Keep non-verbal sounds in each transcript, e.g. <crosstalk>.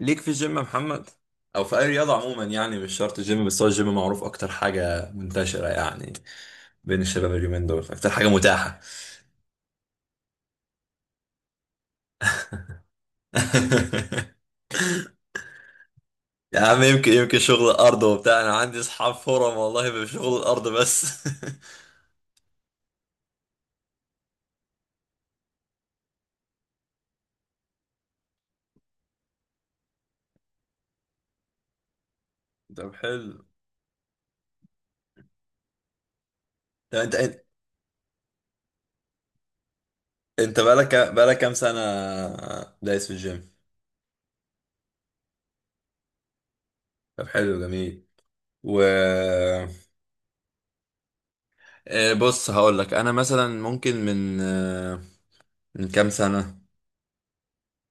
ليك في الجيم يا محمد، او في اي رياضه عموما، يعني مش شرط الجيم، بس هو الجيم معروف اكتر حاجه منتشره يعني بين الشباب اليومين دول، اكتر حاجه متاحه. <laughs> يا عم يمكن شغل الارض وبتاع، انا عندي اصحاب فورم والله بشغل الارض بس. <laughs> طب حلو. طب انت بقالك كام سنه دايس في الجيم؟ طب حلو جميل. و بص هقول لك، انا مثلا ممكن من من كام سنه،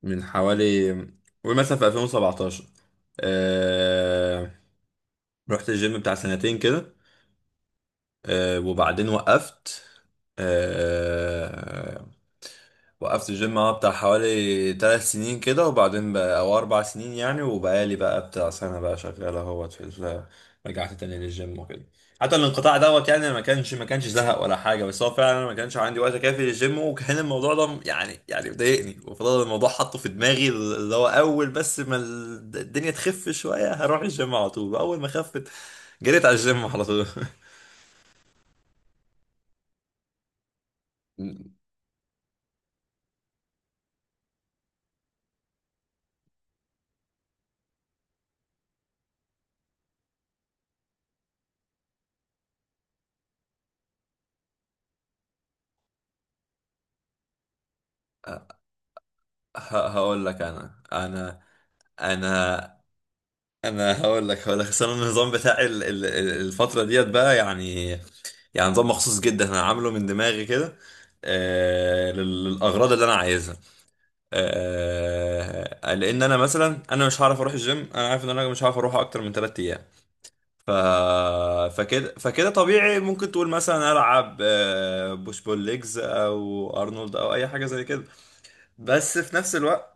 من حوالي، قول مثلا في 2017 آه... رحت الجيم بتاع سنتين كده، وبعدين وقفت. آه... وقفت الجيم اه بتاع حوالي تلات سنين كده، وبعدين بقى او اربع سنين يعني، وبقالي بقى بتاع سنة بقى شغال اهوت <laughs> رجعت تاني للجيم وكده. حتى الانقطاع دوت يعني ما كانش زهق ولا حاجة، بس هو فعلا ما كانش عندي وقت كافي للجيم، وكان الموضوع ده يعني مضايقني، وفضل الموضوع حاطه في دماغي، اللي هو اول بس ما الدنيا تخف شوية <laughs> هروح الجيم على طول. اول ما خفت جريت على الجيم على طول. <laughs> هقول لك، انا انا هقول لك اصل انا النظام بتاعي الفتره ديت بقى، يعني يعني نظام مخصوص جدا، انا عامله من دماغي كده للاغراض اللي انا عايزها، لان انا مثلا، انا مش هعرف اروح الجيم، انا عارف ان انا مش هعرف اروح اكتر من 3 ايام. ف... فكده طبيعي، ممكن تقول مثلا العب بوش بول ليجز او ارنولد او اي حاجه زي كده، بس في نفس الوقت،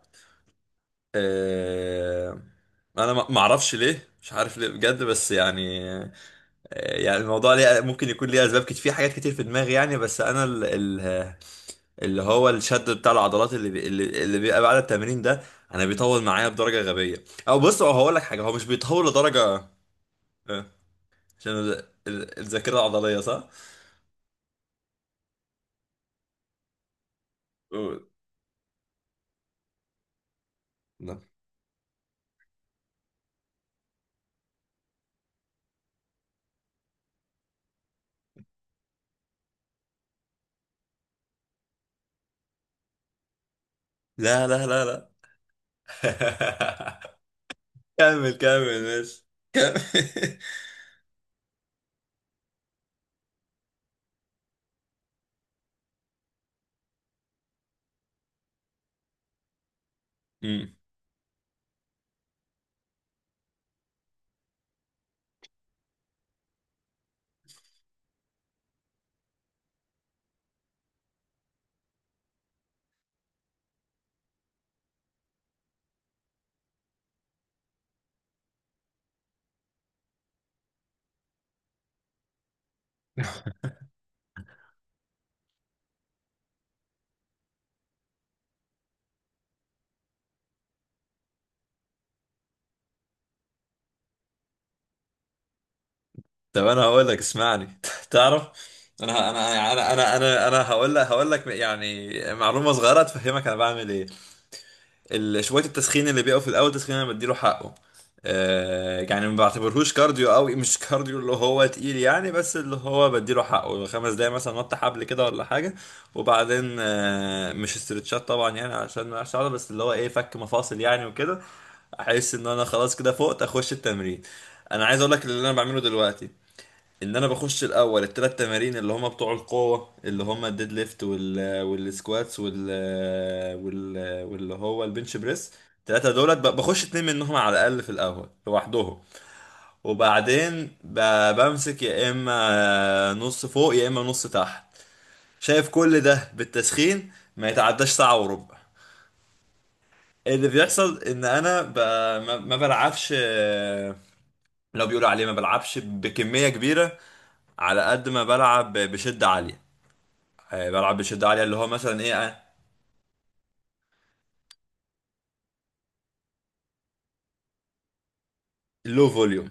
آه، انا ما اعرفش ليه، مش عارف ليه بجد، بس يعني يعني الموضوع ليه ممكن يكون ليه اسباب كتير، في حاجات كتير في دماغي يعني، بس انا ال ال اللي هو الشد بتاع العضلات اللي بي اللي اللي بيبقى بعد التمرين ده انا بيطول معايا بدرجه غبيه. او بص، هو هقول لك حاجه، هو مش بيطول لدرجه، آه، عشان الذاكره العضليه، صح؟ قول. لا، لا، لا، لا، لا. <laughs> كمل كمل ماشي، كمل. <laughs> طب انا هقول لك، اسمعني <laughs> تعرف انا هقول لك يعني معلومه صغيره تفهمك انا بعمل ايه. شويه التسخين اللي بيقف في الاول، تسخين انا بديله حقه، يعني ما بعتبرهوش كارديو قوي، مش كارديو اللي هو تقيل يعني، بس اللي هو بديله حقه خمس دقايق مثلا نط حبل كده ولا حاجه. وبعدين مش استرتشات طبعا يعني عشان ما اقعش عضله، بس اللي هو ايه، فك مفاصل يعني وكده. احس ان انا خلاص كده فقت اخش التمرين. انا عايز اقول لك اللي انا بعمله دلوقتي، ان انا بخش الاول الثلاث تمارين اللي هما بتوع القوه، اللي هما الديد ليفت والسكواتس وال واللي هو البنش بريس. الثلاثه دولت بخش اتنين منهم على الاقل في الاول لوحدهم، وبعدين بمسك يا اما نص فوق يا اما نص تحت. شايف؟ كل ده بالتسخين ما يتعداش ساعه وربع. اللي بيحصل ان انا ما بلعبش، لو بيقولوا عليه، ما بلعبش بكميه كبيره على قد ما بلعب بشده عاليه. بلعب بشدة عالية، اللي هو مثلا ايه، لو فوليوم.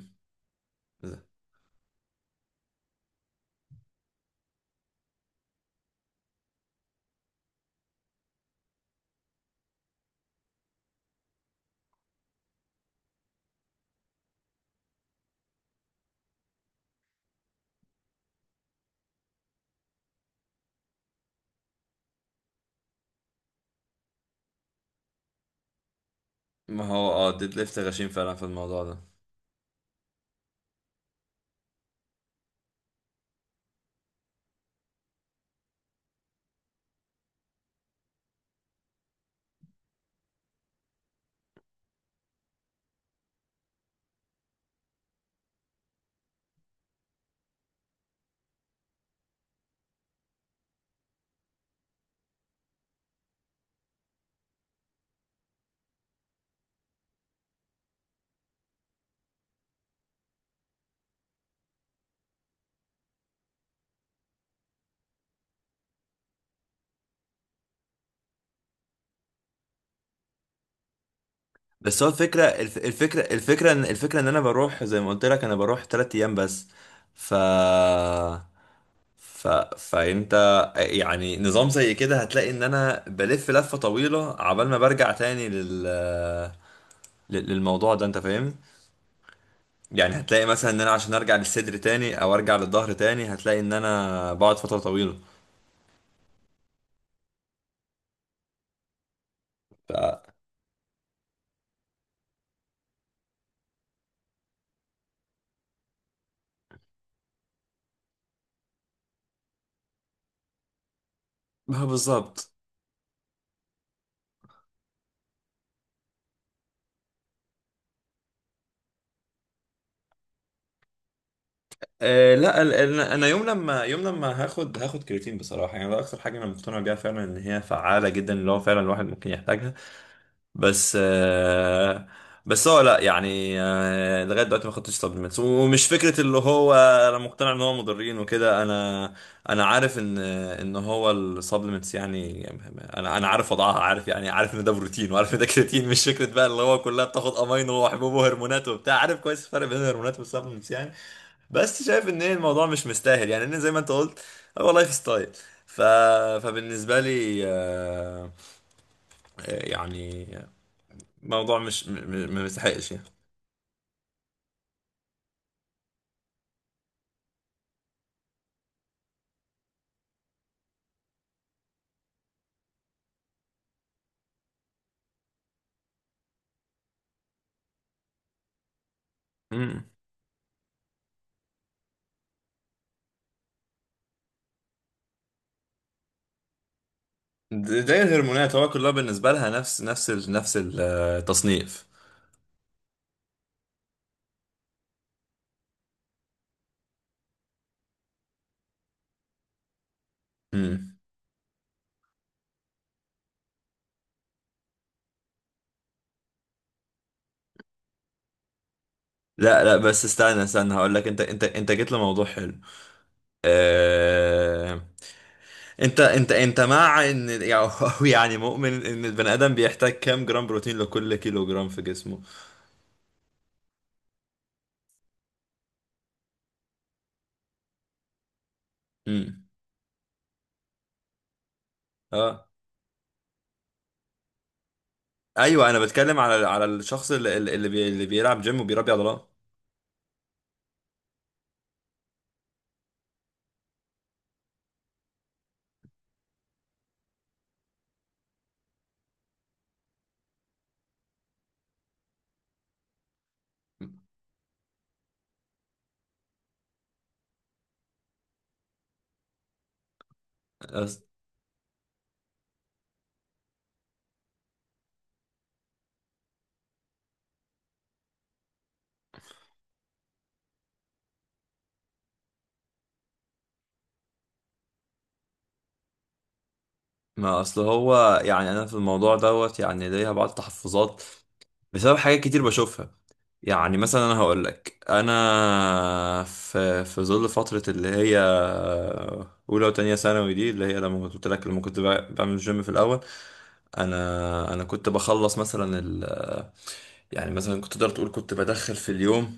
ما هو اه الديد ليفت غشيم فعلا في الموضوع ده. بس هو الفكرة، الفكرة ان انا بروح، زي ما قلت لك، انا بروح تلات ايام بس. ف ف فانت يعني نظام زي كده هتلاقي ان انا بلف لفة طويلة عبال ما برجع تاني للموضوع ده، انت فاهم؟ يعني هتلاقي مثلا ان انا عشان ارجع للصدر تاني او ارجع للظهر تاني هتلاقي ان انا بقعد فترة طويلة. ف... بالظبط. أه لا انا يوم لما هاخد كرياتين بصراحه يعني، ده اكتر حاجه انا مقتنع بيها فعلا ان هي فعاله جدا، اللي هو فعلا الواحد ممكن يحتاجها، بس أه، بس هو لا يعني أه، لغايه دلوقتي ما خدتش سبلمنتس ومش فكره اللي هو انا مقتنع ان هو مضرين وكده. انا عارف ان هو السبلمنتس يعني، انا عارف وضعها، عارف يعني، عارف ان ده بروتين، وعارف ان ده كرياتين، مش فكره بقى اللي هو كلها بتاخد امينو وحبوب وهرمونات وبتاع، عارف كويس الفرق بين الهرمونات والسبلمنتس يعني. بس شايف ان إيه، الموضوع مش مستاهل يعني، إن زي ما انت قلت، هو لايف ستايل. ف... فبالنسبه لي، يعني موضوع مش ما مستحقش يعني. مم. زي الهرمونات، هو كلها بالنسبه لها نفس نفس التصنيف. مم. لا لا، بس استنى استنى، هقول لك، انت جيت لموضوع حلو. آه... انت مع ان يعني <laughs> أو يعني، مؤمن ان البني ادم بيحتاج كام جرام بروتين لكل كيلو جرام في جسمه؟ امم. اه، ايوه، انا بتكلم على الشخص بي... اللي بيلعب جيم وبيربي عضلات. أص- ما اصل هو يعني، انا في الموضوع دوت يعني ليها بعض التحفظات بسبب حاجات كتير بشوفها. يعني مثلا انا هقول لك، انا في ظل فتره اللي هي اولى وتانية ثانوي دي، اللي هي لما كنت قلت لك، لما كنت بعمل جيم في الاول، انا كنت بخلص مثلا يعني مثلا، كنت تقدر تقول كنت بدخل في اليوم،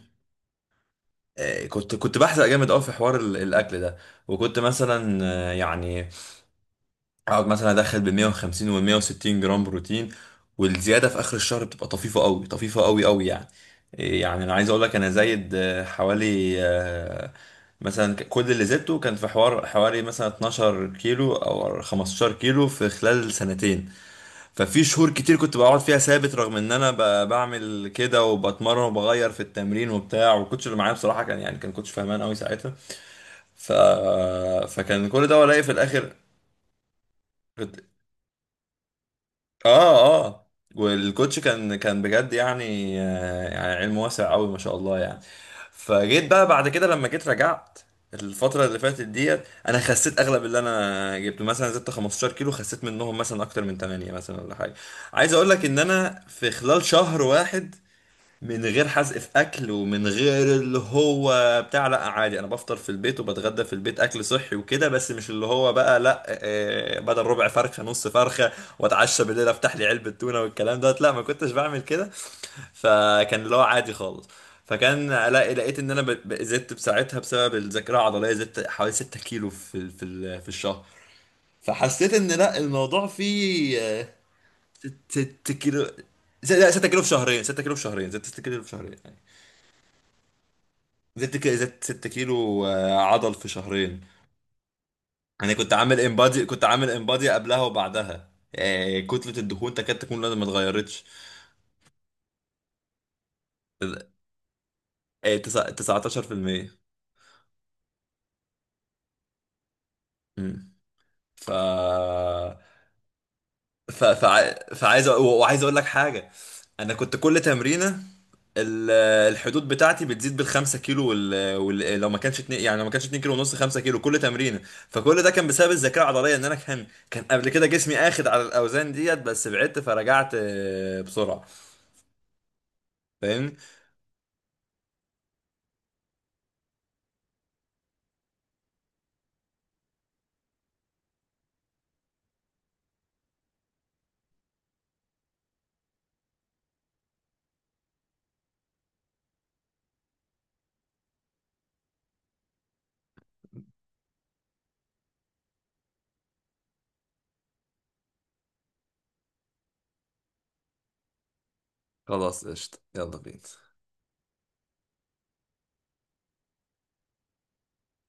كنت بحزق جامد قوي في حوار الاكل ده، وكنت مثلا، يعني اقعد مثلا ادخل ب 150 و 160 جرام بروتين، والزياده في اخر الشهر بتبقى طفيفه قوي، طفيفه قوي قوي يعني. يعني انا عايز اقول لك، انا زايد حوالي، مثلا كل اللي زدته كان في حوار حوالي مثلا 12 كيلو او 15 كيلو في خلال سنتين. ففي شهور كتير كنت بقعد فيها ثابت، رغم ان انا بعمل كده وبتمرن وبغير في التمرين وبتاع، والكوتش اللي معايا بصراحه كان يعني، كان كوتش فهمان قوي ساعتها. ف... فكان كل ده، ولاقي في الاخر. اه اه. والكوتش كان بجد يعني، يعني علم واسع قوي ما شاء الله يعني. فجيت بقى بعد كده، لما جيت رجعت الفترة اللي فاتت ديت، انا خسيت اغلب اللي انا جبته، مثلا زدت 15 كيلو خسيت منهم مثلا اكتر من 8، مثلا ولا حاجة. عايز اقول لك ان انا في خلال شهر واحد، من غير حزق في اكل، ومن غير اللي هو بتاع، لا عادي، انا بفطر في البيت وبتغدى في البيت اكل صحي وكده، بس مش اللي هو بقى لا، بدل ربع فرخه نص فرخه، واتعشى بالليل افتح لي علبه تونه والكلام دوت، لا ما كنتش بعمل كده، فكان اللي هو عادي خالص. فكان لقيت ان انا زدت بساعتها بسبب الذاكره العضليه، زدت حوالي 6 كيلو في الشهر. فحسيت ان لا، الموضوع فيه. 6 كيلو، لا 6 كيلو في شهرين، 6 كيلو في شهرين، زدت 6 كيلو في شهرين يعني. زدت زدت 6 كيلو، عضل في شهرين. انا كنت عامل امبادي، كنت عامل امبادي قبلها وبعدها، كتلة الدهون تكاد تكون لا، ما اتغيرتش. 19%. امم. ف فعايز وعايز اقول لك حاجه. انا كنت كل تمرينه ال- الحدود بتاعتي بتزيد بالخمسة كيلو، لو ما كانش اتنين يعني، لو ما كانش اتنين كيلو ونص، خمسة كيلو كل تمرينة. فكل ده كان بسبب الذاكرة العضلية، ان انا كان قبل كده جسمي اخد على الاوزان ديت، بس بعدت فرجعت، بسرعة. فاهمني. خلاص قشطة، يلا بينا.